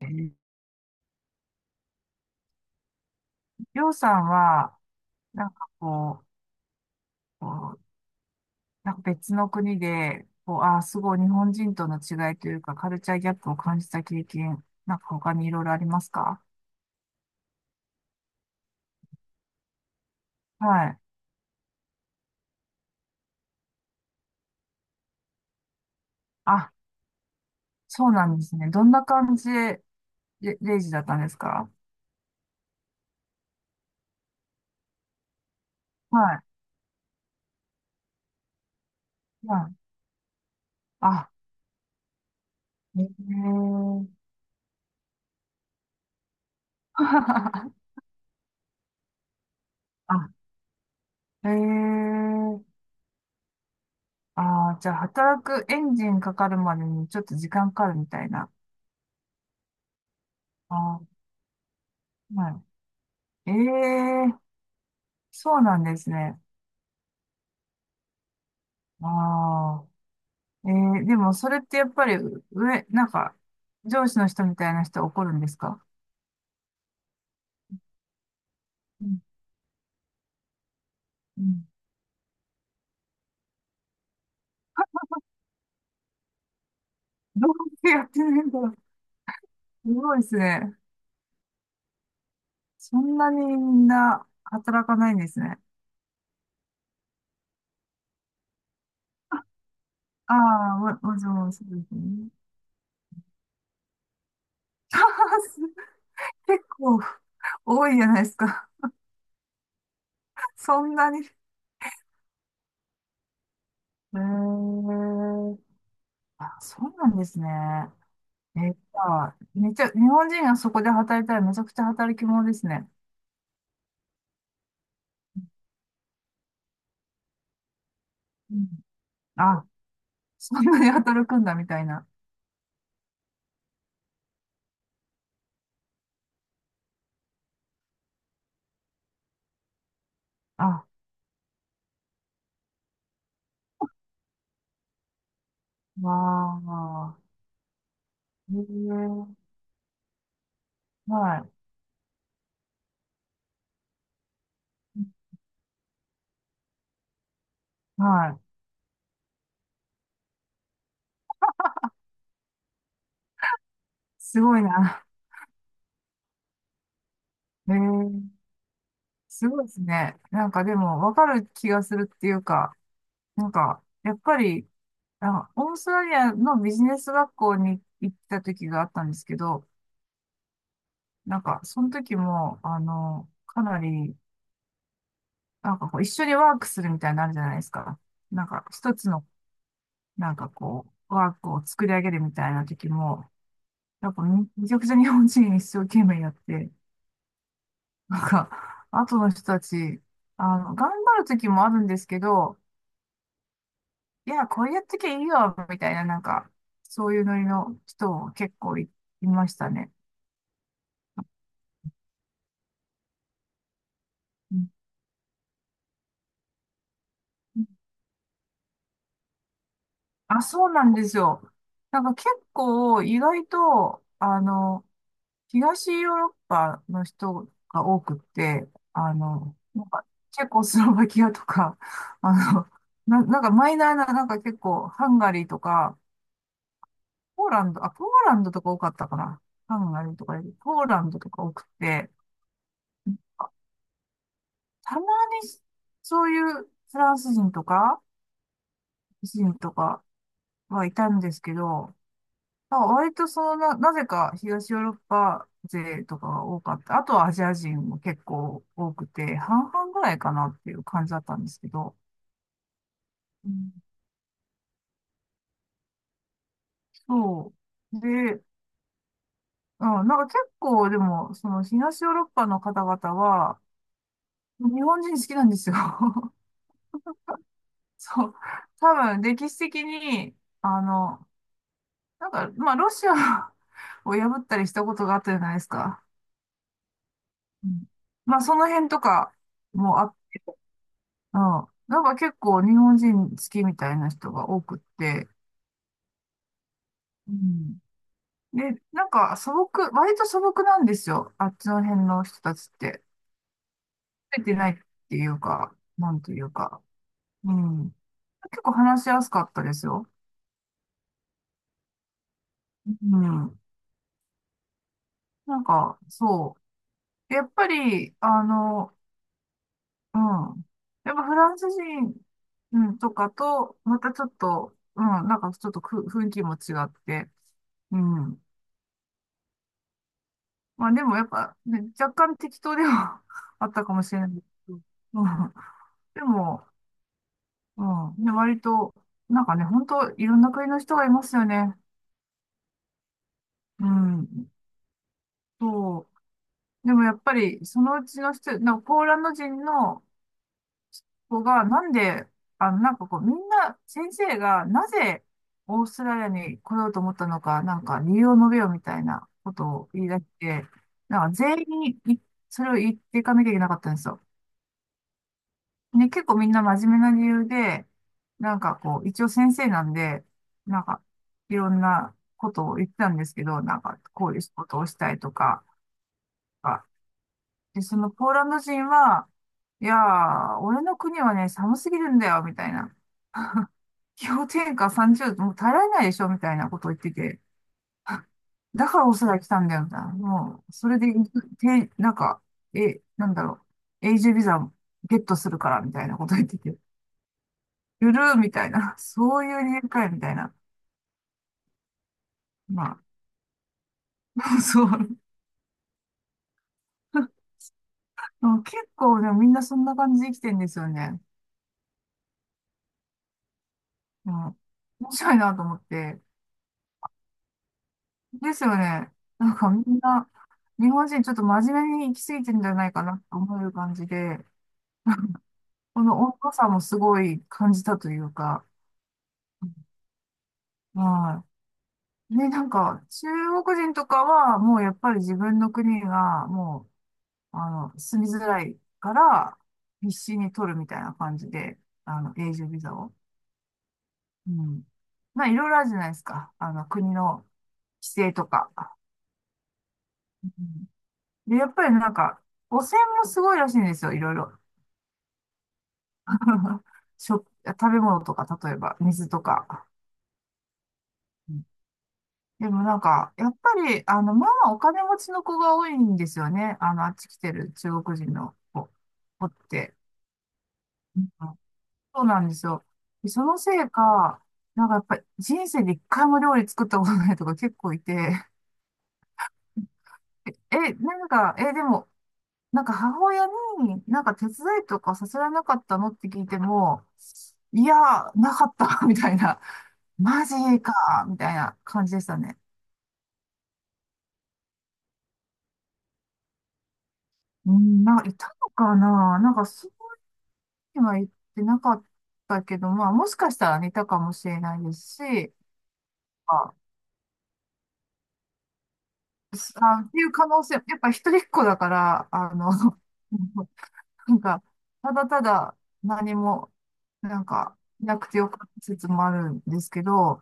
えーりょうさんは、なんかこう、こうなんか別の国で、すごい日本人との違いというか、カルチャーギャップを感じた経験、なんか他にいろいろありますか？はい。あ、そうなんですね。どんな感じで、レイジだったんですか？はい。はい。あ、えー あ、へえー。ああ、じゃあ、働くエンジンかかるまでにちょっと時間かかるみたいな。ああ、はい。ええ、そうなんですね。ああ、でもそれってやっぱりなんか、上司の人みたいな人怒るんですか？うんうん。どうやってやってるんだろう。すごいですね。そんなにみんな働かないんですね。ああ、もちろんそうですね。あーす結構多いじゃないですか。そんなに。へえ。あ、そうなんですね。じゃあめっちゃ、日本人がそこで働いたらめちゃくちゃ働き者ですね。うん。あ、そんなに働くんだみたいな。あ、わあ、へえ、はい、はい。すごいな。へえ、すごいですね。なんかでも、わかる気がするっていうか、なんか、やっぱり、あ、オーストラリアのビジネス学校に行った時があったんですけど、なんか、その時も、かなり、なんかこう、一緒にワークするみたいになのあるじゃないですか。なんか、一つの、なんかこう、ワークを作り上げるみたいな時も、なんかめちゃくちゃ日本人一生懸命やって、なんか、後の人たち、頑張る時もあるんですけど、いや、これやってきゃいいよ、みたいな、なんか、そういうノリの人も結構いましたね。うん。あ、そうなんですよ。なんか結構意外と、東ヨーロッパの人が多くって、なんかチェコスロバキアとか、あの、なんかマイナーな、なんか結構ハンガリーとか、ポーランドとか多かったかな。ハンガリーとかより、ポーランドとか多くて、たまにそういうフランス人とか、人とかはいたんですけど、まあ割となぜか東ヨーロッパ勢とかが多かった。あとはアジア人も結構多くて、半々ぐらいかなっていう感じだったんですけど、うん。そう。で、うん、なんか結構でも、その東ヨーロッパの方々は、日本人好きなんですよ。そう。多分、歴史的に、あの、なんか、まあ、ロシアを を破ったりしたことがあったじゃないですか。うん。まあ、その辺とかもあ、うん。なんか結構日本人好きみたいな人が多くって。うん。で、なんか素朴、割と素朴なんですよ。あっちの辺の人たちって。増えてないっていうか、なんというか。うん。結構話しやすかったですよ。うん。なんか、そう。やっぱり、うん。やっぱフランス人、うん、とかと、またちょっと、うん、なんかちょっと雰囲気も違って、うん。まあでもやっぱ、ね、若干適当では あったかもしれないけど、うん。でも、うん。ね、割と、なんかね、本当いろんな国の人がいますよね。うん。そう。でもやっぱり、そのうちの人、なんかポーランド人の、子が、なんで、なんかこう、みんな、先生が、なぜ、オーストラリアに来ようと思ったのか、なんか、理由を述べようみたいなことを言い出して、なんか、全員にそれを言っていかなきゃいけなかったんですよ。ね、結構みんな真面目な理由で、なんかこう、一応先生なんで、なんか、いろんなことを言ってたんですけど、なんか、こういう仕事をしたいとか、あで、そのポーランド人は、いやー、俺の国はね、寒すぎるんだよ、みたいな。氷点下30度、もう耐えられないでしょみたいなことを言ってて。だからオーストラリア来たんだよ、みたいな。もう、それで、なんか、なんだろう。永住ビザをゲットするから、みたいなこと言ってて。ゆるーみたいな。そういう理由かい、みたいな。まあ、そう。うん。結構ね、みんなそんな感じで生きてんですよね。うん。面白いなと思って。ですよね。なんかみんな、日本人ちょっと真面目に生きすぎてんじゃないかなと思う感じで。この温度差もすごい感じたというか、はい。で、なんか、中国人とかは、もうやっぱり自分の国が、もう、住みづらいから、必死に取るみたいな感じで、永住ビザを。うん。まあ、いろいろあるじゃないですか。国の規制とか。うん。で、やっぱりなんか、汚染もすごいらしいんですよ、いろいろ。食べ物とか、例えば、水とか。でもなんか、やっぱり、まあお金持ちの子が多いんですよね。あっち来てる中国人の子って。うん。そうなんですよ。でそのせいか、なんかやっぱり人生で一回も料理作ったことないとか結構いて、なんか、でも、なんか母親になんか手伝いとかさせられなかったのって聞いても、いや、なかった、みたいな。マジか、みたいな感じでしたね。うん、なんかいたのかな。なんかそには言ってなかったけど、まあ、もしかしたら似たかもしれないですし、まあ、あっていう可能性、やっぱ一人っ子だから、なんか、ただただ何も、なんか、なくてよかった説もあるんですけど、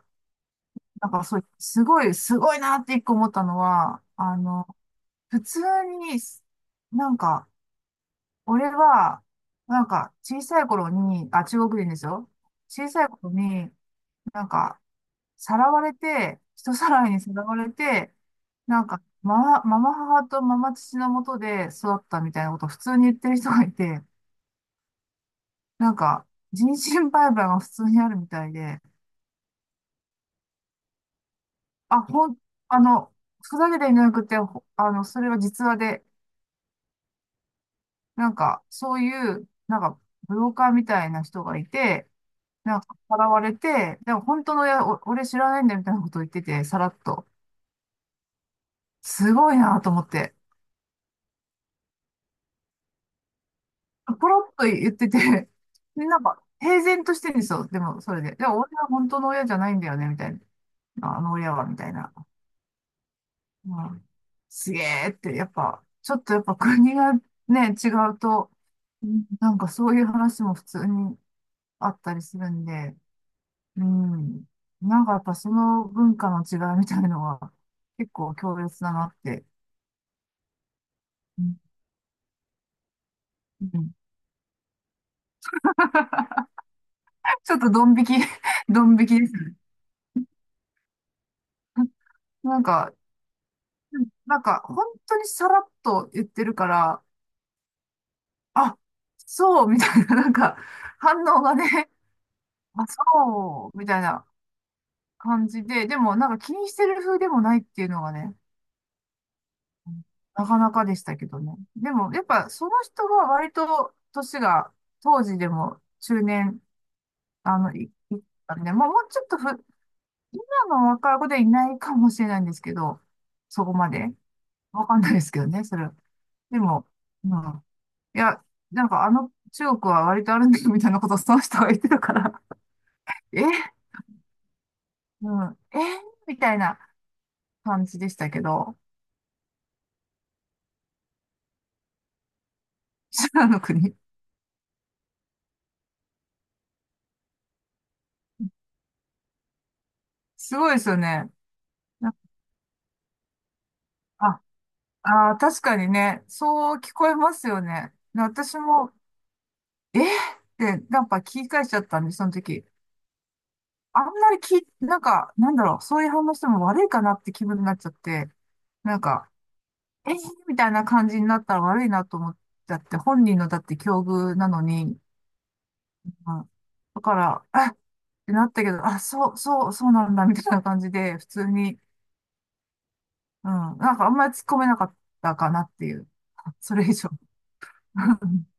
なんかそう、すごい、すごいなって一個思ったのは、普通に、なんか、俺は、なんか、小さい頃に、あ、中国人ですよ。小さい頃に、なんか、さらわれて、人さらいにさらわれて、なんか、ママ母とママ父のもとで育ったみたいなことを普通に言ってる人がいて、なんか、人身売買が普通にあるみたいで、あ、ほん、あの、ふざけていなくて、ほあの、それは実話で、なんか、そういう、なんか、ブローカーみたいな人がいて、なんか、さらわれて、でも本当の親、俺知らないんだみたいなことを言ってて、さらっと。すごいなと思って。ポロッと言ってて、で、なんか、平然としてるんですよ。でも、それで。でも、俺は本当の親じゃないんだよね、みたいな。あの親は、みたいな。うん。すげえって、やっぱ、ちょっとやっぱ国がね、違うと、うん、なんかそういう話も普通にあったりするんで、うん。なんかやっぱその文化の違いみたいのは、結構強烈だなって。うんうん。 ちょっとドン引き、ドン引きですね。なんか、うん、なんか、本当にさらっと言ってるから、あ、そうみたいな、なんか、反応がね、あ、そうみたいな感じで、でも、なんか気にしてる風でもないっていうのがね、なかなかでしたけどね。でも、やっぱ、その人が割と、年が、当時でも中年、いったんで、もうちょっと今の若い子でいないかもしれないんですけど、そこまで。わかんないですけどね、それは。でも、うん。いや、なんかあの中国は割とあるんだよみたいなことをその人が言ってたから、え、うん、えみたいな感じでしたけど、修羅の国。すごいですよね。なあ、あー、確かにね、そう聞こえますよね。私も、えってなんか聞き返しちゃったんで、その時。あんまりなんか、なんだろう、そういう反応しても悪いかなって気分になっちゃって、なんか、えみたいな感じになったら悪いなと思っちゃって、本人のだって境遇なのに、うん。だから、あってなったけど、あ、そう、そう、そうなんだ、みたいな感じで、普通に、うん、なんかあんまり突っ込めなかったかなっていう、それ以上。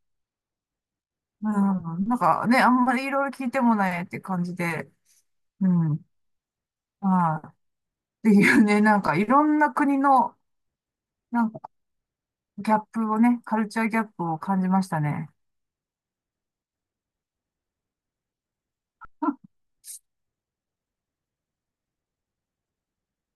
うん、なんかね、あんまりいろいろ聞いてもないって感じで、うん、ああ、っていうね、なんかいろんな国の、なんかギャップをね、カルチャーギャップを感じましたね。